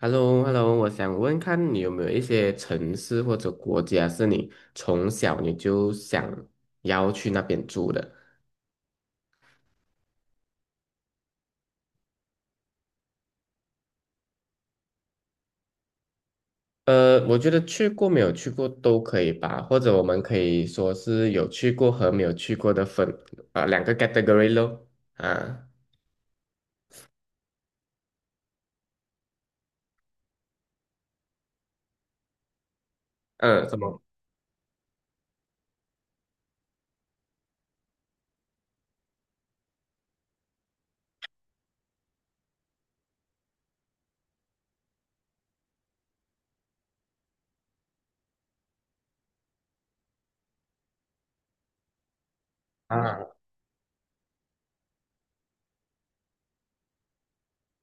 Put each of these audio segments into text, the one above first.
h e l l o h e l l o 我想问看你有没有一些城市或者国家是你从小你就想要去那边住的？我觉得去过没有去过都可以吧，或者我们可以说是有去过和没有去过的分，两个 category 咯。啊。嗯，什么？啊。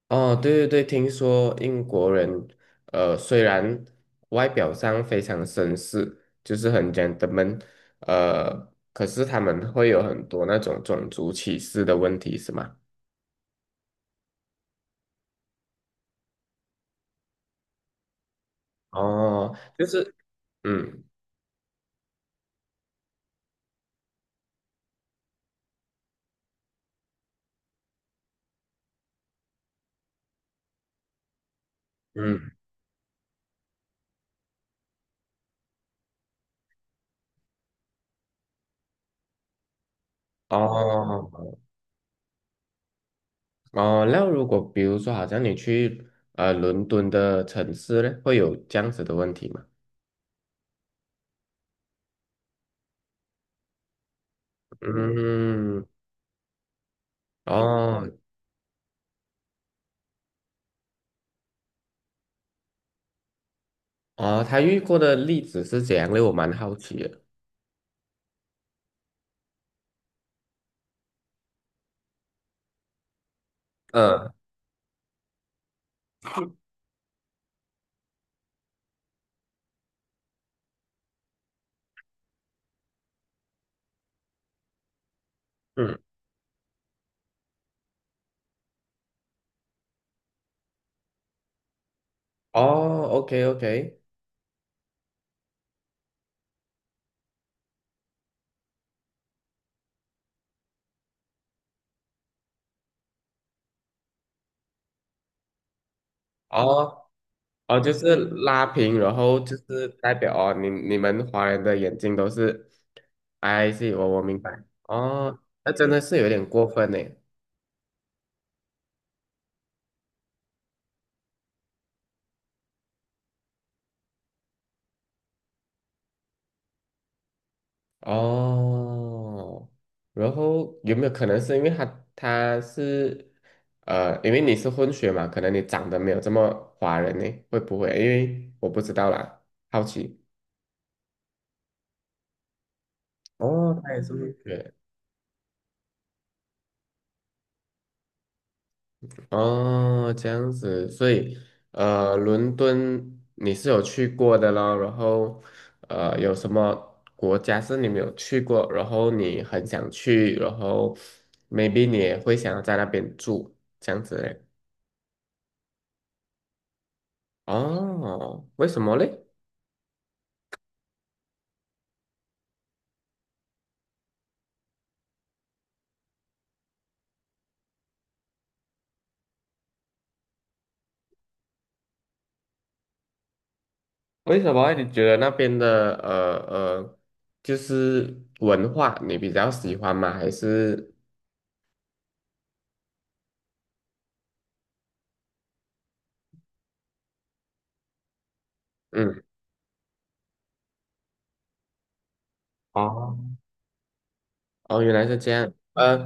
哦，对对对，听说英国人，虽然外表上非常绅士，就是很 gentleman，可是他们会有很多那种种族歧视的问题，是吗？哦，就是。嗯嗯。哦哦，那如果比如说，好像你去伦敦的城市呢，会有这样子的问题吗？嗯。哦哦，他遇过的例子是怎样的？我蛮好奇的。嗯。哦，OK OK。哦哦，就是拉平，然后就是代表哦，你们华人的眼睛都是，I see，我明白。哦，那真的是有点过分呢。哦，然后有没有可能是因为他是，因为你是混血嘛，可能你长得没有这么华人呢？会不会？因为我不知道啦，好奇。哦，他也是混血。哦，这样子，所以伦敦你是有去过的咯，然后有什么国家是你没有去过，然后你很想去，然后 maybe 你也会想要在那边住，这样子嘞？哦，为什么嘞？为什么啊你觉得那边的就是文化你比较喜欢吗？还是嗯？哦哦，原来是这样。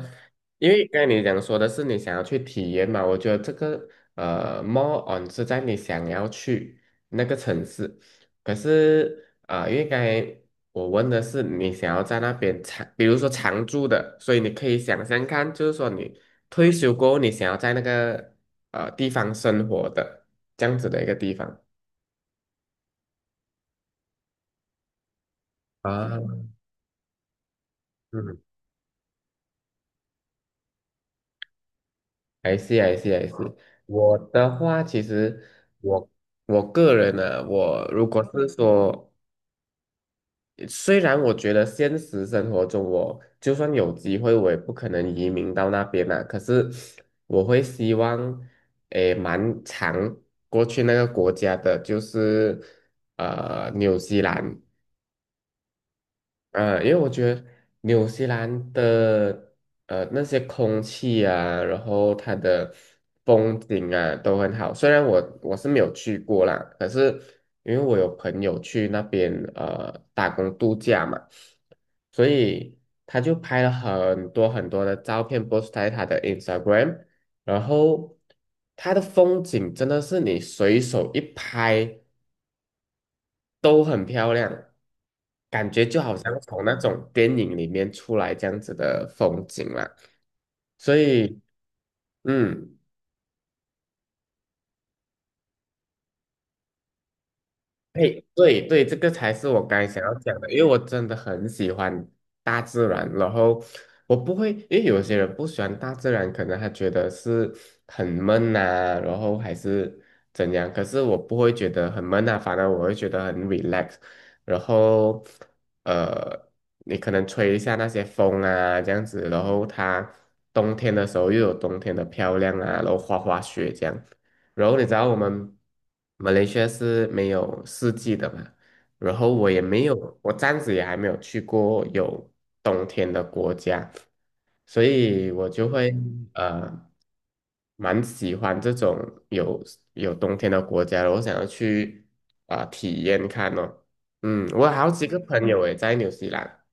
因为刚才你讲说的是你想要去体验嘛，我觉得这个more on 是在你想要去那个城市，可是啊、因为刚才我问的是你想要在那边长，比如说常住的，所以你可以想象看，就是说你退休过后，你想要在那个地方生活的这样子的一个地方。啊。嗯。I see, I s I s 我的话，其实我我个人呢、我如果是说，虽然我觉得现实生活中我就算有机会，我也不可能移民到那边啦、可是我会希望，诶，蛮长过去那个国家的，就是纽西兰。因为我觉得纽西兰的那些空气啊，然后它的风景啊都很好。虽然我是没有去过啦，可是因为我有朋友去那边打工度假嘛，所以他就拍了很多很多的照片，post 在他的 Instagram，然后他的风景真的是你随手一拍。都很漂亮，感觉就好像从那种电影里面出来这样子的风景啦。所以，嗯。嘿，对对，这个才是我刚才想要讲的，因为我真的很喜欢大自然，然后我不会，因为有些人不喜欢大自然，可能他觉得是很闷呐、然后还是怎样，可是我不会觉得很闷啊，反而我会觉得很 relax，然后呃，你可能吹一下那些风啊，这样子，然后它冬天的时候又有冬天的漂亮啊，然后滑滑雪这样。然后你知道我们马来西亚是没有四季的嘛，然后我也没有，我暂时也还没有去过有冬天的国家，所以我就会蛮喜欢这种有有冬天的国家的，我想要去啊、体验看哦。嗯，我有好几个朋友也在纽西兰。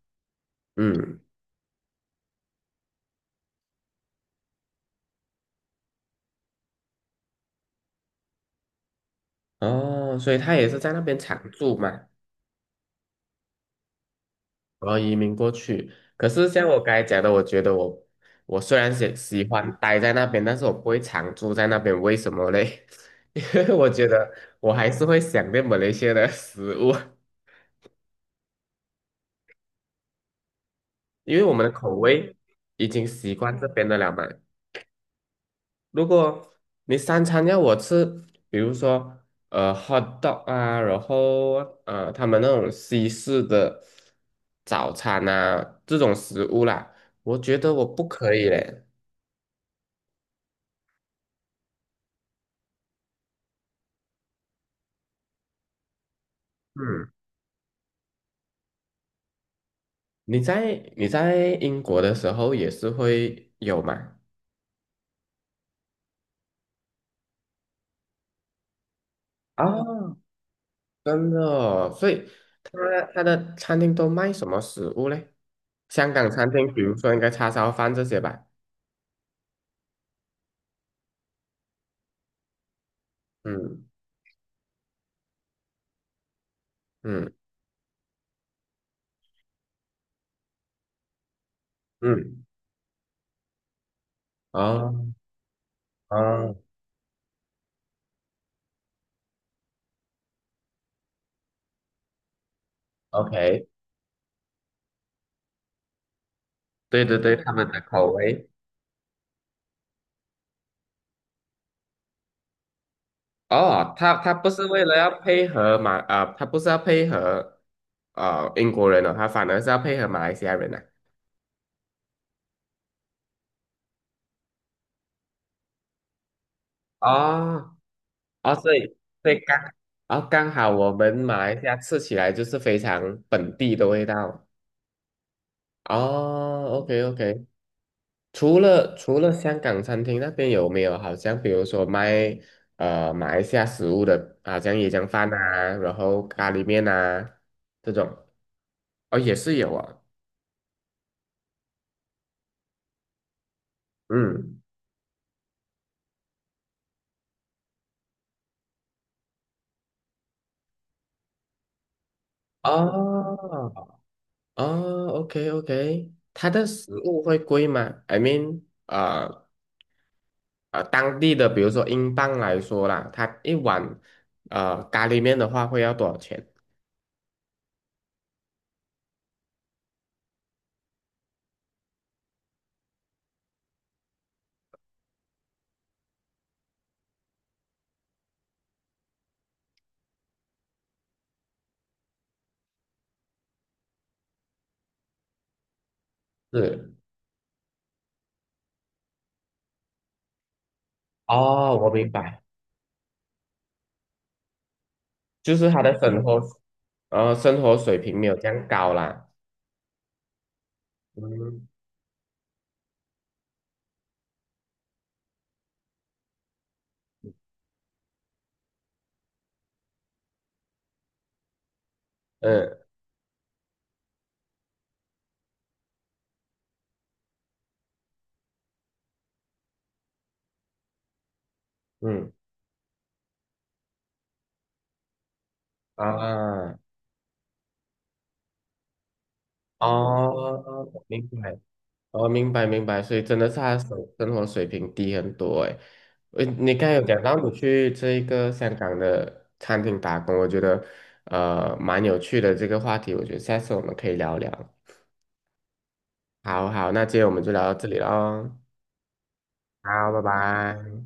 嗯。哦，所以他也是在那边常住嘛。我要移民过去。可是像我刚才讲的，我觉得我我虽然喜欢待在那边，但是我不会常住在那边。为什么嘞？因为我觉得我还是会想念马来西亚的食物，因为我们的口味已经习惯这边的了嘛。如果你三餐要我吃，比如说hot dog 啊，然后他们那种西式的早餐啊这种食物啦，我觉得我不可以嘞。嗯。你在英国的时候也是会有吗？哦，真的哦，所以他他的餐厅都卖什么食物嘞？香港餐厅，比如说应该叉烧饭这些吧。嗯嗯嗯。哦哦，OK，对对对，他们的口味。哦，他不是为了要配合他不是要配合英国人哦，他反而是要配合马来西亚人呐、啊。哦哦，所以刚好我们马来西亚吃起来就是非常本地的味道。哦，OK OK，除了香港餐厅那边有没有好像比如说卖马来西亚食物的，好像椰浆饭啊，然后咖喱面啊这种，哦也是有啊。嗯。哦哦，OK OK，它的食物会贵吗？I mean，啊、当地的，比如说英镑来说啦，它一碗咖喱面的话会要多少钱？是哦，我明白，就是他的生活，生活水平没有这样高啦。嗯嗯嗯啊。哦，明白，哦，明白明白，所以真的是他的生活水平低很多诶。你刚才有讲到你去这一个香港的餐厅打工，我觉得蛮有趣的这个话题，我觉得下次我们可以聊聊。好好，那今天我们就聊到这里喽。好，拜拜。